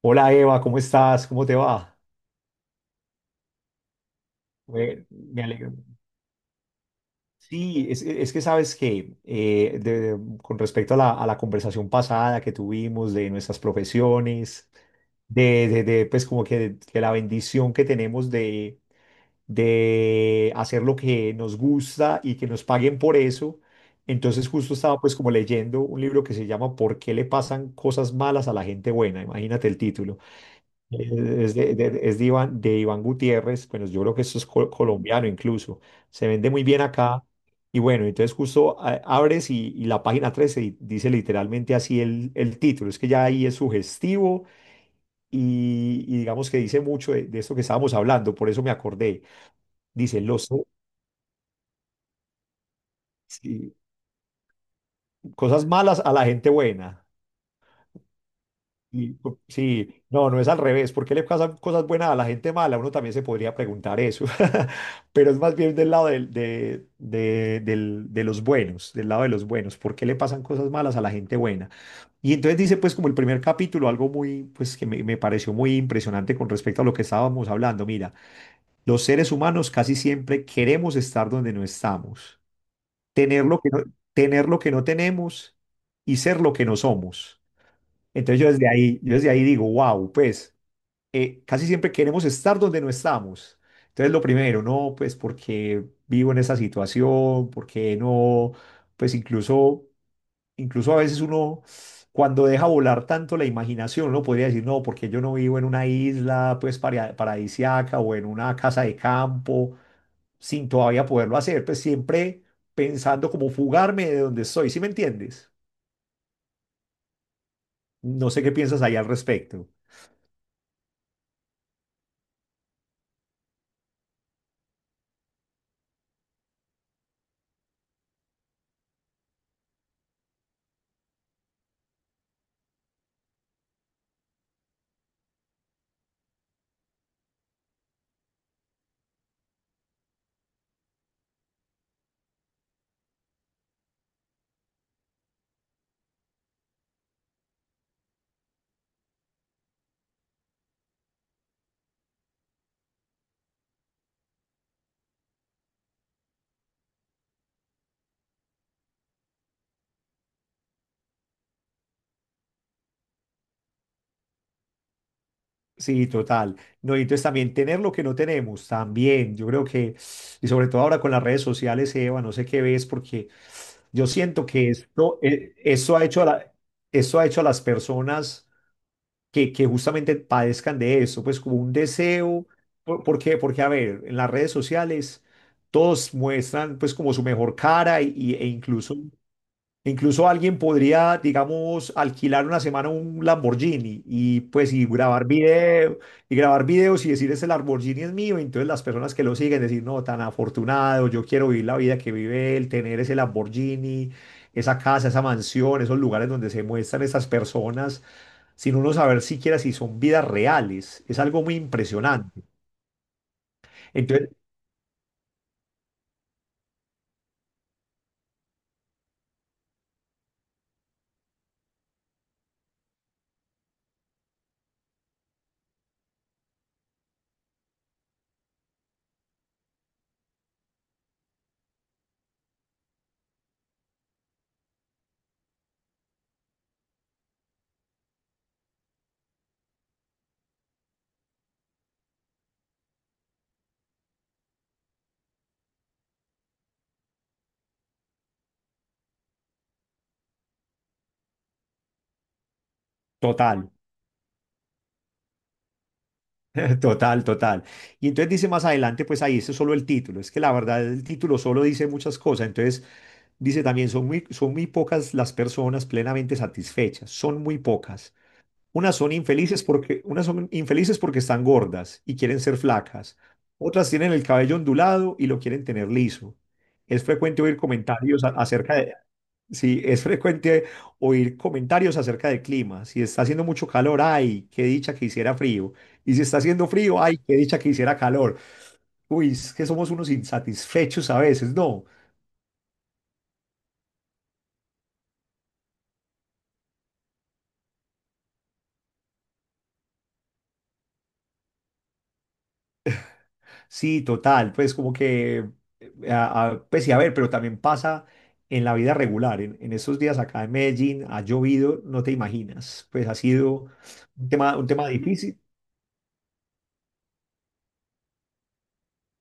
Hola Eva, ¿cómo estás? ¿Cómo te va? Me alegro. Sí, es que sabes que con respecto a la conversación pasada que tuvimos de nuestras profesiones, pues como que la bendición que tenemos de hacer lo que nos gusta y que nos paguen por eso, entonces justo estaba pues como leyendo un libro que se llama ¿Por qué le pasan cosas malas a la gente buena? Imagínate el título. Es es de Iván Gutiérrez. Bueno, yo creo que eso es colombiano incluso, se vende muy bien acá. Y bueno, entonces justo abres y la página 13 dice literalmente así el título, es que ya ahí es sugestivo y digamos que dice mucho de esto que estábamos hablando, por eso me acordé. Dice, los, sí, cosas malas a la gente buena. Y, sí, no es al revés. ¿Por qué le pasan cosas buenas a la gente mala? Uno también se podría preguntar eso. Pero es más bien del lado de los buenos, del lado de los buenos. ¿Por qué le pasan cosas malas a la gente buena? Y entonces dice, pues, como el primer capítulo, algo muy, pues, que me pareció muy impresionante con respecto a lo que estábamos hablando. Mira, los seres humanos casi siempre queremos estar donde no estamos, tener lo que no, tener lo que no tenemos y ser lo que no somos. Entonces yo desde ahí digo, wow, pues casi siempre queremos estar donde no estamos. Entonces lo primero, no, pues porque vivo en esta situación, porque no, pues incluso, incluso a veces uno cuando deja volar tanto la imaginación, uno podría decir, no, porque yo no vivo en una isla, pues paradisiaca o en una casa de campo, sin todavía poderlo hacer, pues siempre pensando como fugarme de donde estoy, ¿sí me entiendes? No sé qué piensas ahí al respecto. Sí, total. No, y entonces también tener lo que no tenemos, también. Yo creo que, y sobre todo ahora con las redes sociales, Eva, no sé qué ves, porque yo siento que esto, eso ha hecho a eso ha hecho a las personas que justamente padezcan de eso, pues como un deseo. ¿Por qué? Porque, a ver, en las redes sociales todos muestran pues como su mejor cara y, e incluso, incluso alguien podría, digamos, alquilar una semana un Lamborghini y pues y y grabar videos y decir ese Lamborghini es mío. Y entonces las personas que lo siguen decir, no, tan afortunado, yo quiero vivir la vida que vive él, tener ese Lamborghini, esa casa, esa mansión, esos lugares donde se muestran esas personas, sin uno saber siquiera si son vidas reales. Es algo muy impresionante. Entonces, total. Total, total. Y entonces dice más adelante, pues ahí eso es solo el título. Es que la verdad el título solo dice muchas cosas. Entonces dice también, son muy pocas las personas plenamente satisfechas. Son muy pocas. Unas son infelices porque están gordas y quieren ser flacas. Otras tienen el cabello ondulado y lo quieren tener liso. Es frecuente oír comentarios a- acerca de, Sí, es frecuente oír comentarios acerca del clima. Si está haciendo mucho calor, ay, qué dicha que hiciera frío. Y si está haciendo frío, ay, qué dicha que hiciera calor. Uy, es que somos unos insatisfechos a veces, ¿no? Sí, total, pues como que, pues sí, a ver, pero también pasa en la vida regular. En estos días acá en Medellín ha llovido, no te imaginas. Pues ha sido un tema difícil.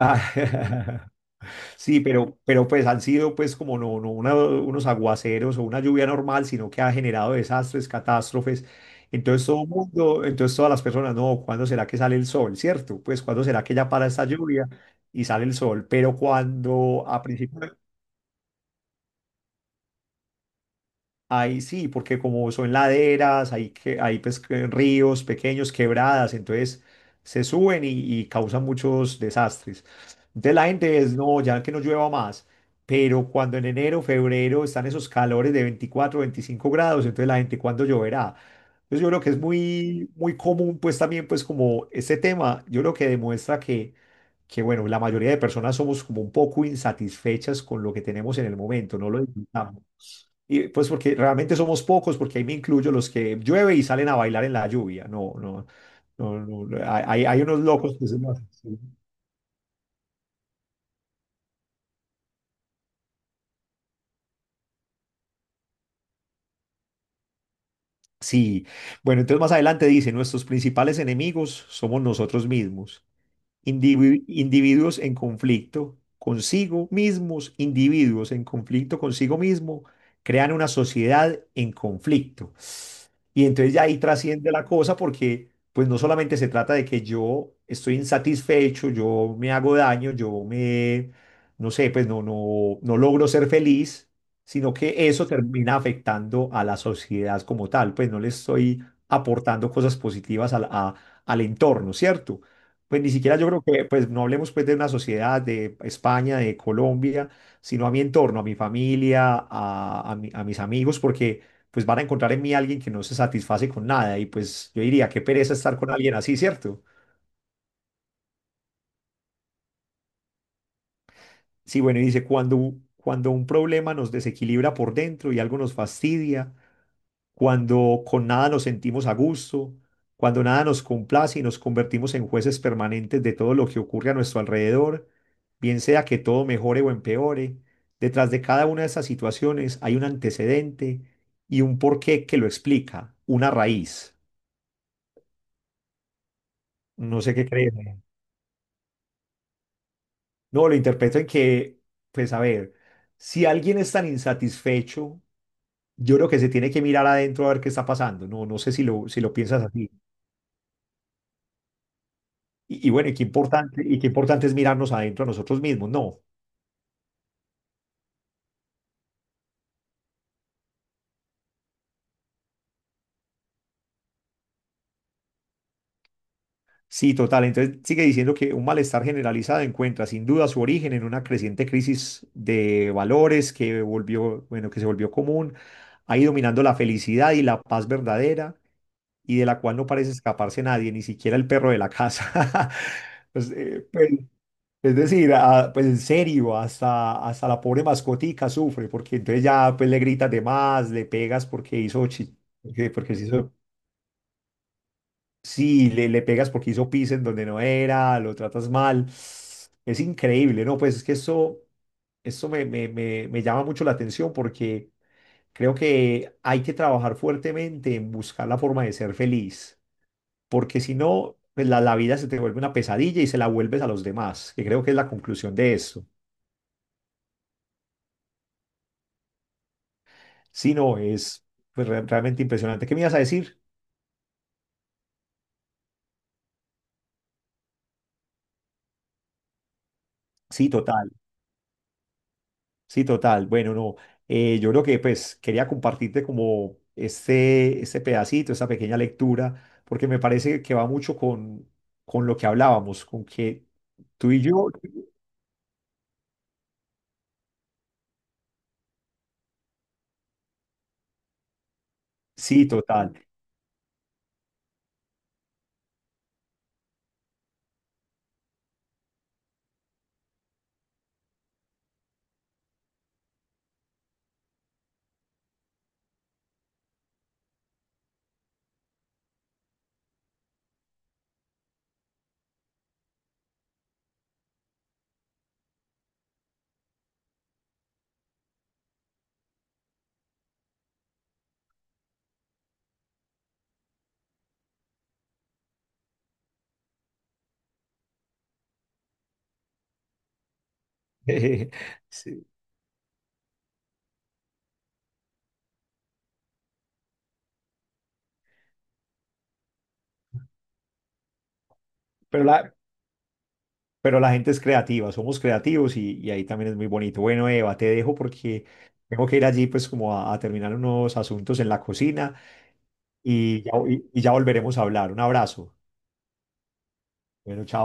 Ah, sí, pero pues han sido pues como no, no una- unos aguaceros o una lluvia normal, sino que ha generado desastres, catástrofes. Entonces todas las personas, no, ¿cuándo será que sale el sol? ¿Cierto? Pues ¿cuándo será que ya para esta lluvia y sale el sol? Pero cuando a principios... Ahí sí, porque como son laderas, hay, que, hay pues, que ríos pequeños, quebradas, entonces se suben y causan muchos desastres. Entonces la gente es, no, ya que no llueva más, pero cuando en enero, febrero están esos calores de 24, 25 grados, entonces la gente, ¿cuándo lloverá? Entonces yo creo que es muy común, pues también, pues como este tema, yo creo que demuestra que, bueno, la mayoría de personas somos como un poco insatisfechas con lo que tenemos en el momento, no lo disfrutamos. Y pues porque realmente somos pocos, porque ahí me incluyo los que llueve y salen a bailar en la lluvia. No, no, no, no, no, hay unos locos que se lo hacen. Sí. Sí. Bueno, entonces más adelante dice, nuestros principales enemigos somos nosotros mismos. Individuos en conflicto consigo mismos, individuos en conflicto consigo mismo, crean una sociedad en conflicto. Y entonces ya ahí trasciende la cosa porque pues no solamente se trata de que yo estoy insatisfecho, yo me hago daño, yo me, no sé, pues no logro ser feliz, sino que eso termina afectando a la sociedad como tal, pues no le estoy aportando cosas positivas al al entorno, ¿cierto? Pues ni siquiera yo creo que, pues no hablemos pues de una sociedad de España, de Colombia, sino a mi entorno, a mi familia, a mis amigos, porque pues van a encontrar en mí alguien que no se satisface con nada y pues yo diría, qué pereza estar con alguien así, ¿cierto? Sí, bueno, y dice, cuando, cuando un problema nos desequilibra por dentro y algo nos fastidia, cuando con nada nos sentimos a gusto, cuando nada nos complace y nos convertimos en jueces permanentes de todo lo que ocurre a nuestro alrededor, bien sea que todo mejore o empeore, detrás de cada una de esas situaciones hay un antecedente y un porqué que lo explica, una raíz. No sé qué crees. No, lo interpreto en que, pues a ver, si alguien es tan insatisfecho, yo creo que se tiene que mirar adentro a ver qué está pasando. No, no sé si lo piensas así. Y bueno, y qué importante es mirarnos adentro a nosotros mismos, ¿no? Sí, total. Entonces sigue diciendo que un malestar generalizado encuentra sin duda su origen en una creciente crisis de valores que se volvió común, ha ido minando la felicidad y la paz verdadera y de la cual no parece escaparse nadie, ni siquiera el perro de la casa. Pues, es decir, ah, pues en serio, hasta la pobre mascotica sufre, porque entonces ya pues le gritas de más, le pegas porque hizo porque, porque se hizo... Sí, le pegas porque hizo pis en donde no era, lo tratas mal. Es increíble, ¿no? Pues es que eso me llama mucho la atención porque creo que hay que trabajar fuertemente en buscar la forma de ser feliz, porque si no, pues la vida se te vuelve una pesadilla y se la vuelves a los demás, que creo que es la conclusión de eso. Si no, es pues, realmente impresionante. ¿Qué me ibas a decir? Sí, total. Sí, total. Bueno, no, yo creo que pues quería compartirte como este pedacito, esta pequeña lectura, porque me parece que va mucho con lo que hablábamos, con que tú y yo, sí, total. Sí, pero la, pero la gente es creativa, somos creativos y ahí también es muy bonito. Bueno, Eva, te dejo porque tengo que ir allí pues como a terminar unos asuntos en la cocina y ya volveremos a hablar. Un abrazo. Bueno, chao.